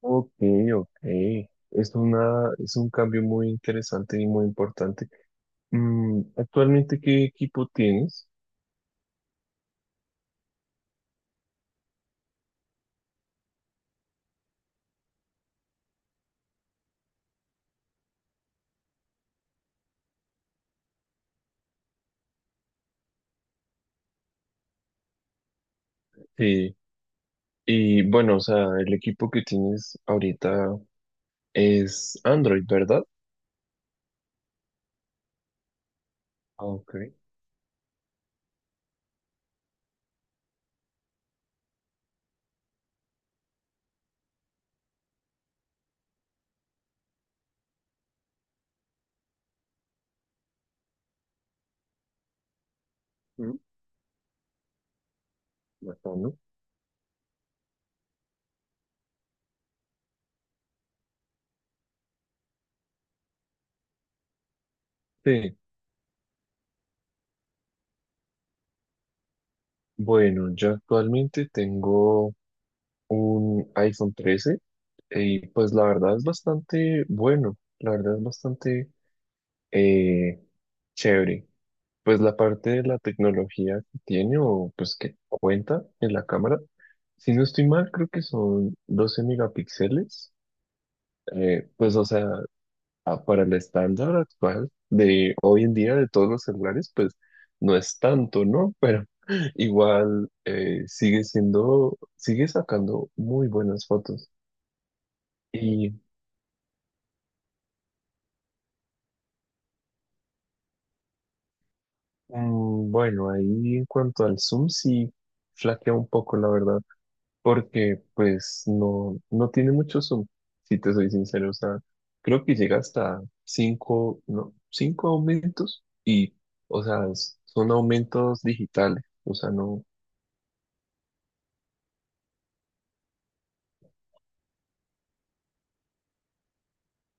Ok, ok. Es un cambio muy interesante y muy importante. Mm, ¿actualmente qué equipo tienes? Sí. Y bueno, o sea, el equipo que tienes ahorita es Android, ¿verdad? Ah, ok. Mm, bacano. Sí. Bueno, yo actualmente tengo un iPhone 13 y pues la verdad es bastante bueno. La verdad es bastante eh, chévere. Pues la parte de la tecnología que tiene o pues que cuenta en la cámara, si no estoy mal, creo que son 12 megapíxeles. Pues o sea, para el estándar actual de hoy en día de todos los celulares, pues no es tanto, ¿no? Pero igual sigue siendo, sigue sacando muy buenas fotos. Y mm, bueno, ahí en cuanto al zoom, sí flaquea un poco, la verdad. Porque pues no, no tiene mucho zoom, si te soy sincero, o sea, creo que llega hasta cinco, no, cinco aumentos y, o sea, son aumentos digitales, o sea, no,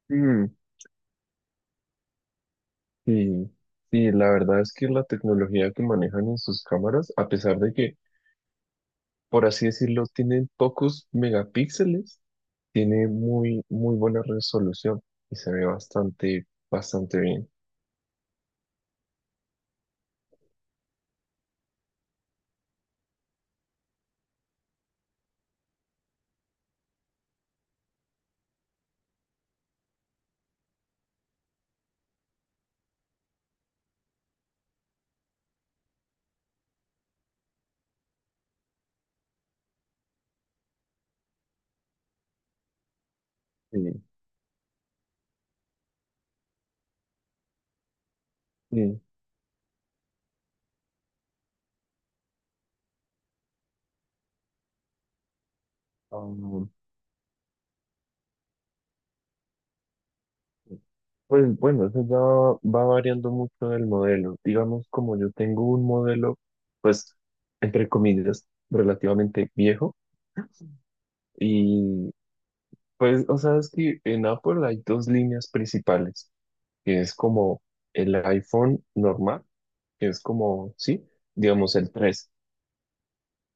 mm, sí, y la verdad es que la tecnología que manejan en sus cámaras, a pesar de que, por así decirlo, tienen pocos megapíxeles, tiene muy, muy buena resolución y se ve bastante, bastante bien. Sí, sí. Ah, pues bueno, eso ya va, va variando mucho del modelo. Digamos, como yo tengo un modelo, pues, entre comillas, relativamente viejo. Y pues, o sea, es que en Apple hay dos líneas principales, que es como el iPhone normal, que es como, sí, digamos el tres.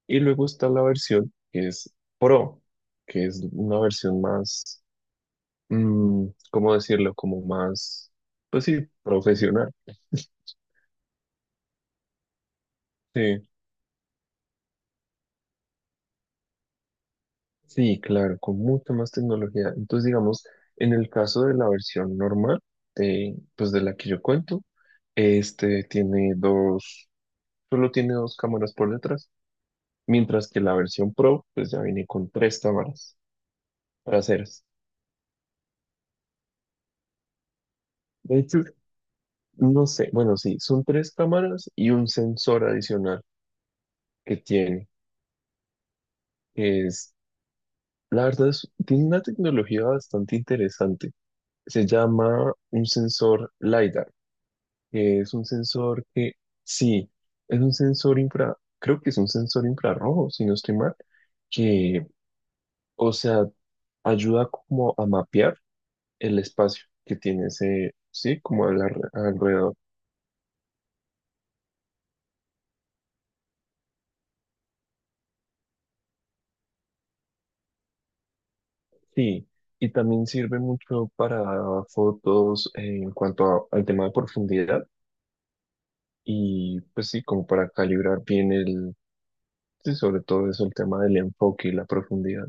Y luego está la versión que es Pro, que es una versión más, mm, ¿cómo decirlo? Como más, pues sí, profesional. Sí. Sí, claro, con mucha más tecnología. Entonces, digamos, en el caso de la versión normal, de, pues de la que yo cuento, este tiene dos, solo tiene dos cámaras por detrás, mientras que la versión Pro, pues ya viene con tres cámaras traseras. De hecho, no sé, bueno, sí, son tres cámaras y un sensor adicional que tiene, que es, la verdad, tiene una tecnología bastante interesante. Se llama un sensor LiDAR. Que es un sensor que, sí, es un sensor infra, creo que es un sensor infrarrojo, si no estoy mal, que, o sea, ayuda como a mapear el espacio que tiene ese, sí, como al alrededor. Sí, y también sirve mucho para fotos en cuanto al tema de profundidad y pues sí, como para calibrar bien el, sí, sobre todo eso, el tema del enfoque y la profundidad.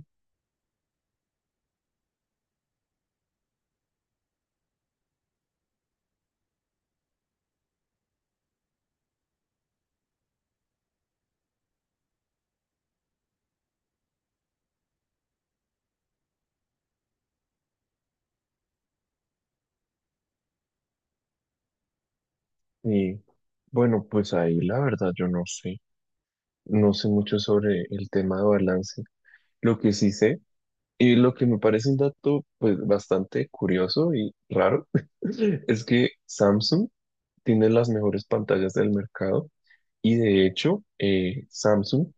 Y bueno, pues ahí la verdad yo no sé. No sé mucho sobre el tema de balance. Lo que sí sé y lo que me parece un dato pues bastante curioso y raro es que Samsung tiene las mejores pantallas del mercado y de hecho Samsung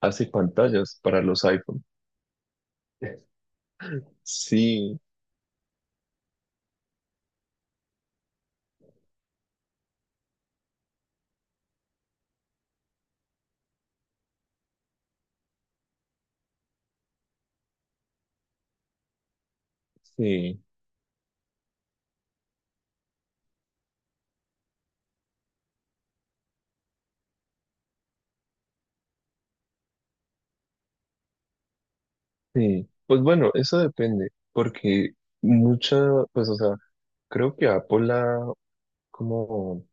hace pantallas para los iPhone. Sí, sí, sí. Pues bueno, eso depende porque mucha, pues o sea, creo que Apple ha como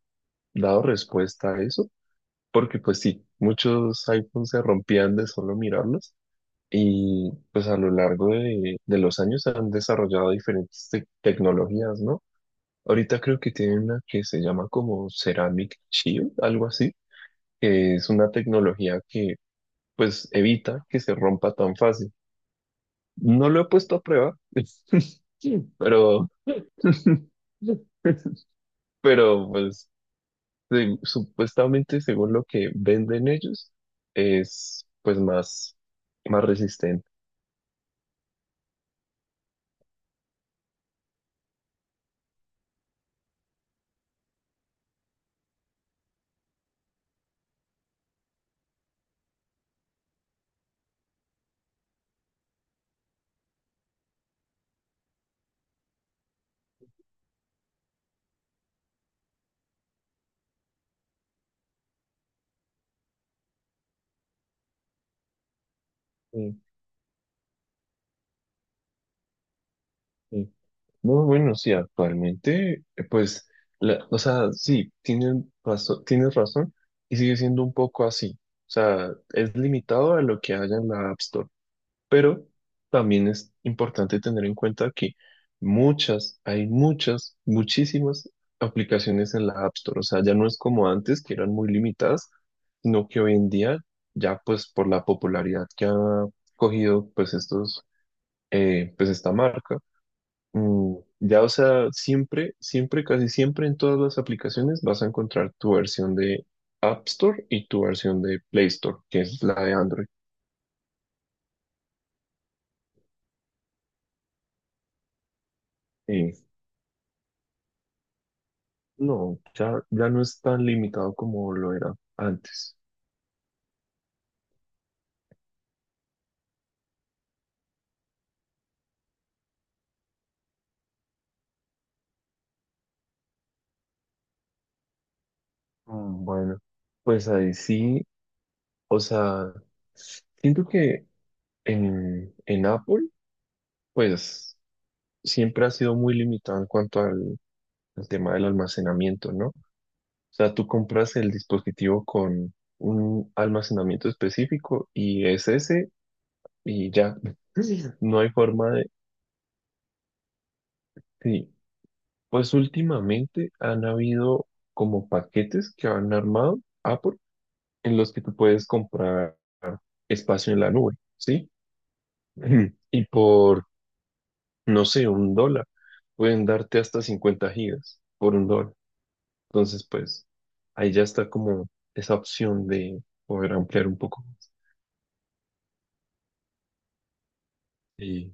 dado respuesta a eso porque pues sí, muchos iPhones se rompían de solo mirarlos y pues a lo largo de los años se han desarrollado diferentes tecnologías, ¿no? Ahorita creo que tienen una que se llama como Ceramic Shield, algo así, que es una tecnología que pues evita que se rompa tan fácil. No lo he puesto a prueba, pero... Pero pues supuestamente, según lo que venden ellos, es pues más, más resistente. Mm, mm. No, bueno, sí, actualmente, pues, o sea, sí, tienen razón, tienes razón y sigue siendo un poco así. O sea, es limitado a lo que haya en la App Store. Pero también es importante tener en cuenta que muchas, hay muchas, muchísimas aplicaciones en la App Store. O sea, ya no es como antes, que eran muy limitadas, sino que hoy en día, ya pues por la popularidad que ha cogido pues estos, pues esta marca, mm, ya o sea, siempre, siempre, casi siempre en todas las aplicaciones vas a encontrar tu versión de App Store y tu versión de Play Store, que es la de Android. Eh, No, ya, ya no es tan limitado como lo era antes. Mm, Bueno, pues ahí sí, o sea, siento que en Apple, pues siempre ha sido muy limitado en cuanto al, al tema del almacenamiento, ¿no? O sea, tú compras el dispositivo con un almacenamiento específico y es ese y ya. No hay forma de... Sí, pues últimamente han habido como paquetes que han armado Apple en los que tú puedes comprar espacio en la nube, ¿sí? Y por, no sé, un dólar, pueden darte hasta 50 gigas por un dólar. Entonces, pues, ahí ya está como esa opción de poder ampliar un poco más. Y,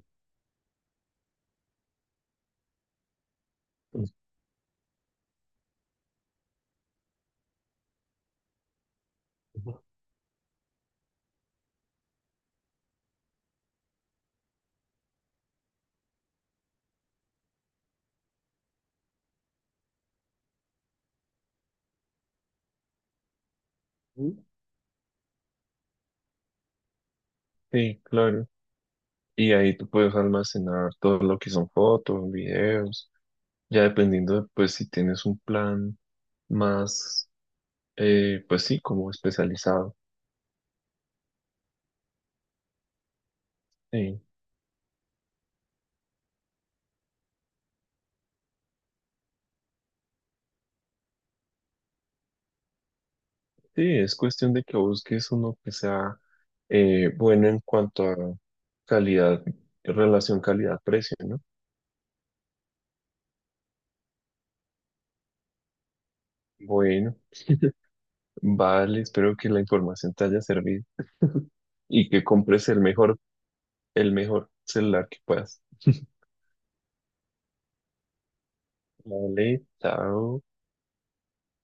sí, claro. Y ahí tú puedes almacenar todo lo que son fotos, videos, ya dependiendo de, pues, si tienes un plan más, pues sí, como especializado. Sí. Sí, es cuestión de que busques uno que sea bueno en cuanto a calidad, relación calidad-precio, ¿no? Bueno, vale, espero que la información te haya servido y que compres el mejor celular que puedas. Vale, chao.